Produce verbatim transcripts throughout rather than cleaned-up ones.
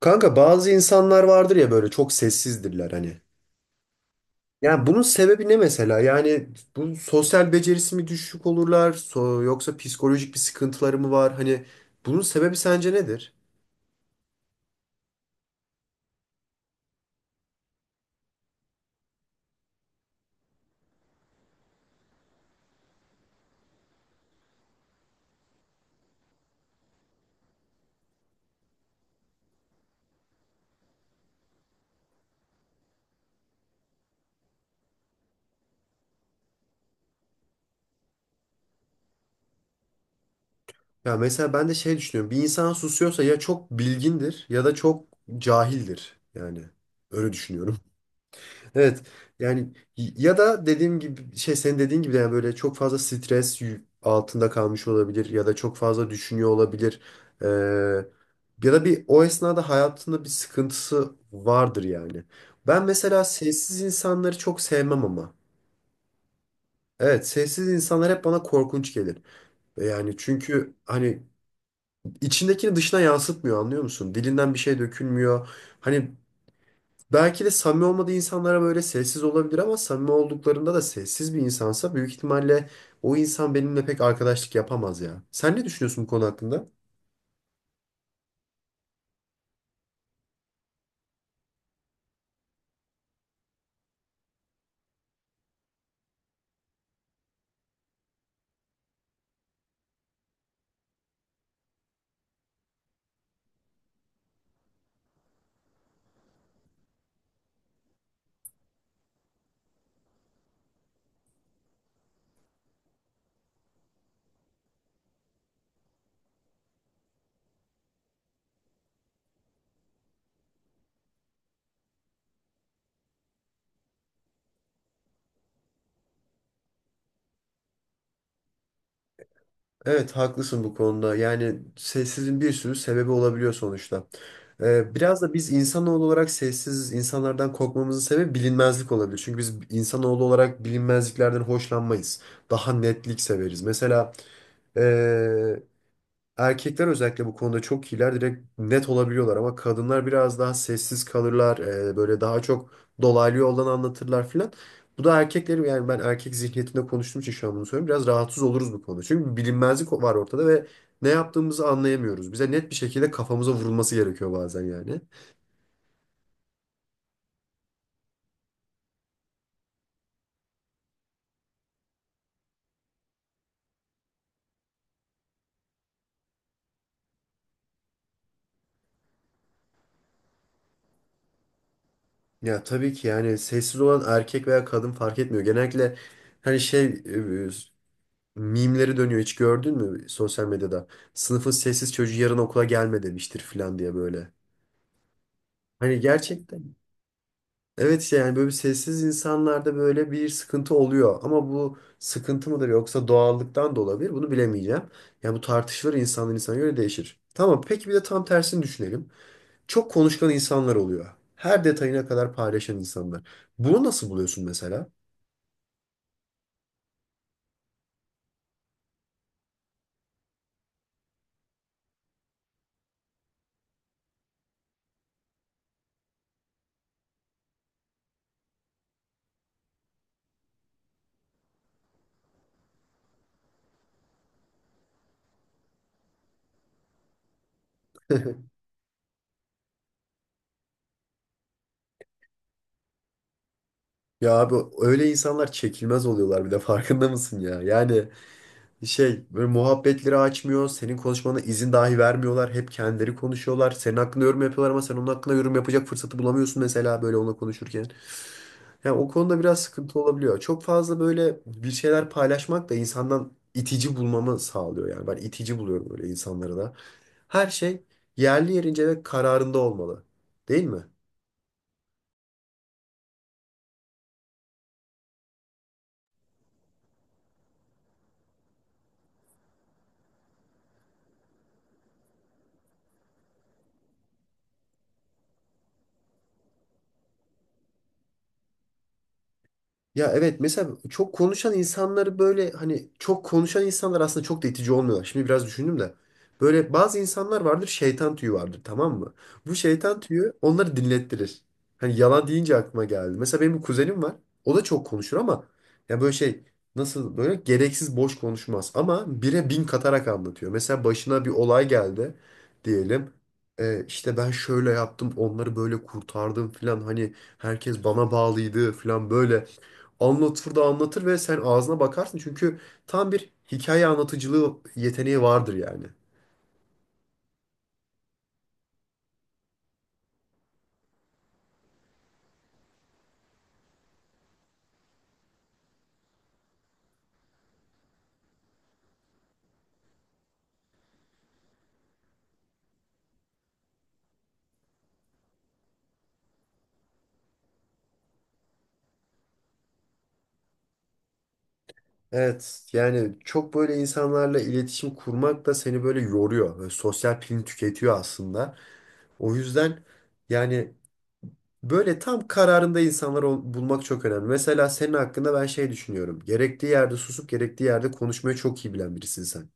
Kanka bazı insanlar vardır ya, böyle çok sessizdirler hani. Yani bunun sebebi ne mesela? Yani bu sosyal becerisi mi düşük olurlar so- yoksa psikolojik bir sıkıntıları mı var? Hani bunun sebebi sence nedir? Ya mesela ben de şey düşünüyorum. Bir insan susuyorsa ya çok bilgindir ya da çok cahildir. Yani öyle düşünüyorum. Evet, yani y- ya da dediğim gibi şey, senin dediğin gibi yani böyle çok fazla stres yü- altında kalmış olabilir ya da çok fazla düşünüyor olabilir. Ee, Ya da bir o esnada hayatında bir sıkıntısı vardır yani. Ben mesela sessiz insanları çok sevmem ama. Evet, sessiz insanlar hep bana korkunç gelir. E, Yani çünkü hani içindekini dışına yansıtmıyor, anlıyor musun? Dilinden bir şey dökülmüyor. Hani, belki de samimi olmadığı insanlara böyle sessiz olabilir, ama samimi olduklarında da sessiz bir insansa büyük ihtimalle o insan benimle pek arkadaşlık yapamaz ya. Sen ne düşünüyorsun bu konu hakkında? Evet, haklısın bu konuda. Yani sessizliğin bir sürü sebebi olabiliyor sonuçta. Ee, biraz da biz insanoğlu olarak sessiz insanlardan korkmamızın sebebi bilinmezlik olabilir. Çünkü biz insanoğlu olarak bilinmezliklerden hoşlanmayız. Daha netlik severiz. Mesela ee, erkekler özellikle bu konuda çok iyiler. Direkt net olabiliyorlar, ama kadınlar biraz daha sessiz kalırlar. E, böyle daha çok dolaylı yoldan anlatırlar filan. Bu da erkekleri, yani ben erkek zihniyetinde konuştuğum için şu an bunu söylüyorum, biraz rahatsız oluruz bu konuda. Çünkü bir bilinmezlik var ortada ve ne yaptığımızı anlayamıyoruz. Bize net bir şekilde kafamıza vurulması gerekiyor bazen yani. Ya tabii ki, yani sessiz olan erkek veya kadın fark etmiyor. Genellikle hani şey, mimleri dönüyor, hiç gördün mü sosyal medyada? Sınıfın sessiz çocuğu yarın okula gelme demiştir falan diye böyle. Hani gerçekten. Evet, işte yani böyle bir, sessiz insanlarda böyle bir sıkıntı oluyor. Ama bu sıkıntı mıdır yoksa doğallıktan da olabilir, bunu bilemeyeceğim. Yani bu tartışılır, insandan insana göre değişir. Tamam, peki bir de tam tersini düşünelim. Çok konuşkan insanlar oluyor. Her detayına kadar paylaşan insanlar. Bunu nasıl buluyorsun mesela? Ya abi, öyle insanlar çekilmez oluyorlar bir de, farkında mısın ya? Yani şey, böyle muhabbetleri açmıyor. Senin konuşmana izin dahi vermiyorlar. Hep kendileri konuşuyorlar. Senin hakkında yorum yapıyorlar, ama sen onun hakkında yorum yapacak fırsatı bulamıyorsun mesela böyle onunla konuşurken. Yani o konuda biraz sıkıntı olabiliyor. Çok fazla böyle bir şeyler paylaşmak da insandan itici bulmamı sağlıyor yani. Ben itici buluyorum böyle insanları da. Her şey yerli yerince ve kararında olmalı. Değil mi? Ya evet, mesela çok konuşan insanları böyle hani, çok konuşan insanlar aslında çok da itici olmuyorlar. Şimdi biraz düşündüm de. Böyle bazı insanlar vardır, şeytan tüyü vardır, tamam mı? Bu şeytan tüyü onları dinlettirir. Hani yalan deyince aklıma geldi. Mesela benim bir kuzenim var. O da çok konuşur ama, ya böyle şey, nasıl, böyle gereksiz boş konuşmaz. Ama bire bin katarak anlatıyor. Mesela başına bir olay geldi diyelim. Ee, işte ben şöyle yaptım, onları böyle kurtardım filan, hani herkes bana bağlıydı filan, böyle anlatır da anlatır ve sen ağzına bakarsın. Çünkü tam bir hikaye anlatıcılığı yeteneği vardır yani. Evet, yani çok böyle insanlarla iletişim kurmak da seni böyle yoruyor. Böyle sosyal pilini tüketiyor aslında. O yüzden yani böyle tam kararında insanları ol- bulmak çok önemli. Mesela senin hakkında ben şey düşünüyorum. Gerektiği yerde susup gerektiği yerde konuşmayı çok iyi bilen birisin sen.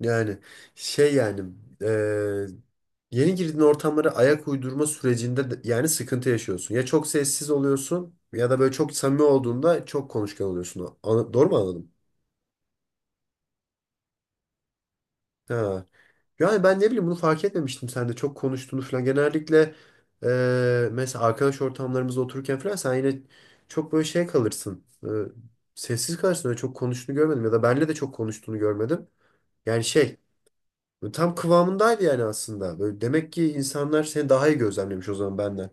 Yani şey, yani eee, yeni girdiğin ortamlara ayak uydurma sürecinde de- yani sıkıntı yaşıyorsun. Ya çok sessiz oluyorsun ya da böyle çok samimi olduğunda çok konuşkan oluyorsun. Ana- doğru mu anladım? Ha. Yani ben ne bileyim, bunu fark etmemiştim sen de çok konuştuğunu falan. Genellikle eee, mesela arkadaş ortamlarımızda otururken falan sen yine çok böyle şey kalırsın. Eee, sessiz kalırsın, öyle çok konuştuğunu görmedim ya da benle de çok konuştuğunu görmedim. Yani şey, böyle tam kıvamındaydı yani aslında. Böyle demek ki insanlar seni daha iyi gözlemlemiş o zaman benden.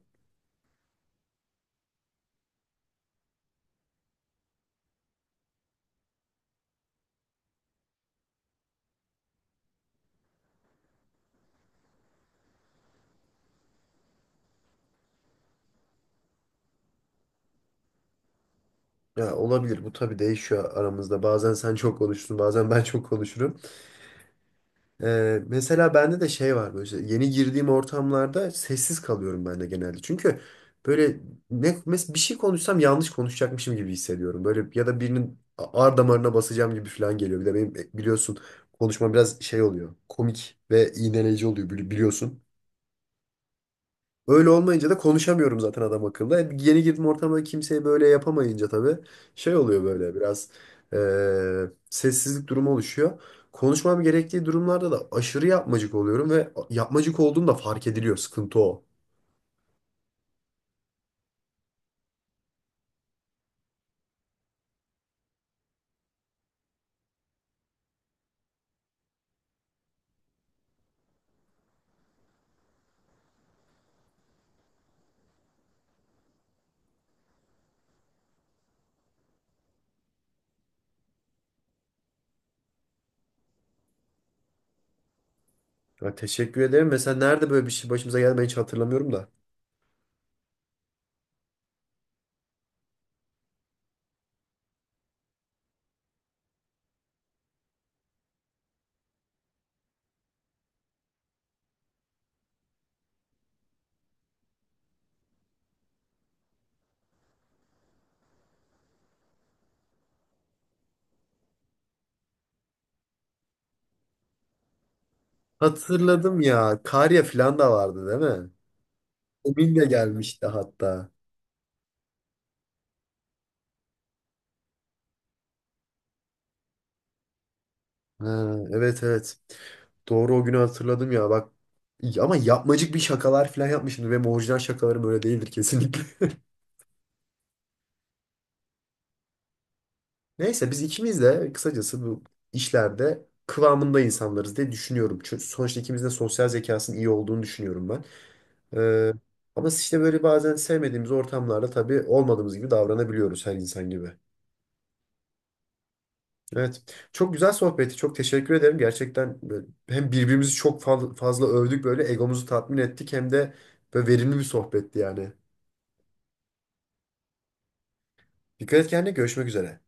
Ya olabilir, bu tabii değişiyor aramızda. Bazen sen çok konuşursun, bazen ben çok konuşurum. Ee, mesela bende de şey var, böyle işte yeni girdiğim ortamlarda sessiz kalıyorum ben de genelde. Çünkü böyle ne mes, bir şey konuşsam yanlış konuşacakmışım gibi hissediyorum. Böyle ya da birinin a- ar damarına basacağım gibi falan geliyor. Bir de benim e, biliyorsun, konuşma biraz şey oluyor. Komik ve iğneleyici oluyor, bili- biliyorsun. Öyle olmayınca da konuşamıyorum zaten adam akıllı. E, Yeni girdim ortama, kimseye böyle yapamayınca tabii şey oluyor böyle biraz e, sessizlik durumu oluşuyor. Konuşmam gerektiği durumlarda da aşırı yapmacık oluyorum ve yapmacık olduğum da fark ediliyor. Sıkıntı o. Ya teşekkür ederim. Mesela nerede böyle bir şey başımıza geldi, ben hiç hatırlamıyorum da. Hatırladım ya. Karya falan da vardı değil mi? Emin de gelmişti hatta. Ha, evet evet. Doğru, o günü hatırladım ya bak. Ama yapmacık bir şakalar falan yapmışımdır. Benim orijinal şakalarım öyle değildir kesinlikle. Neyse, biz ikimiz de kısacası bu işlerde kıvamında insanlarız diye düşünüyorum. Çünkü sonuçta ikimizin de sosyal zekasının iyi olduğunu düşünüyorum ben. Ee, Ama işte böyle bazen sevmediğimiz ortamlarda tabii olmadığımız gibi davranabiliyoruz her insan gibi. Evet. Çok güzel sohbetti. Çok teşekkür ederim. Gerçekten böyle hem birbirimizi çok fa- fazla övdük, böyle egomuzu tatmin ettik, hem de böyle verimli bir sohbetti yani. Dikkat et kendine. Görüşmek üzere.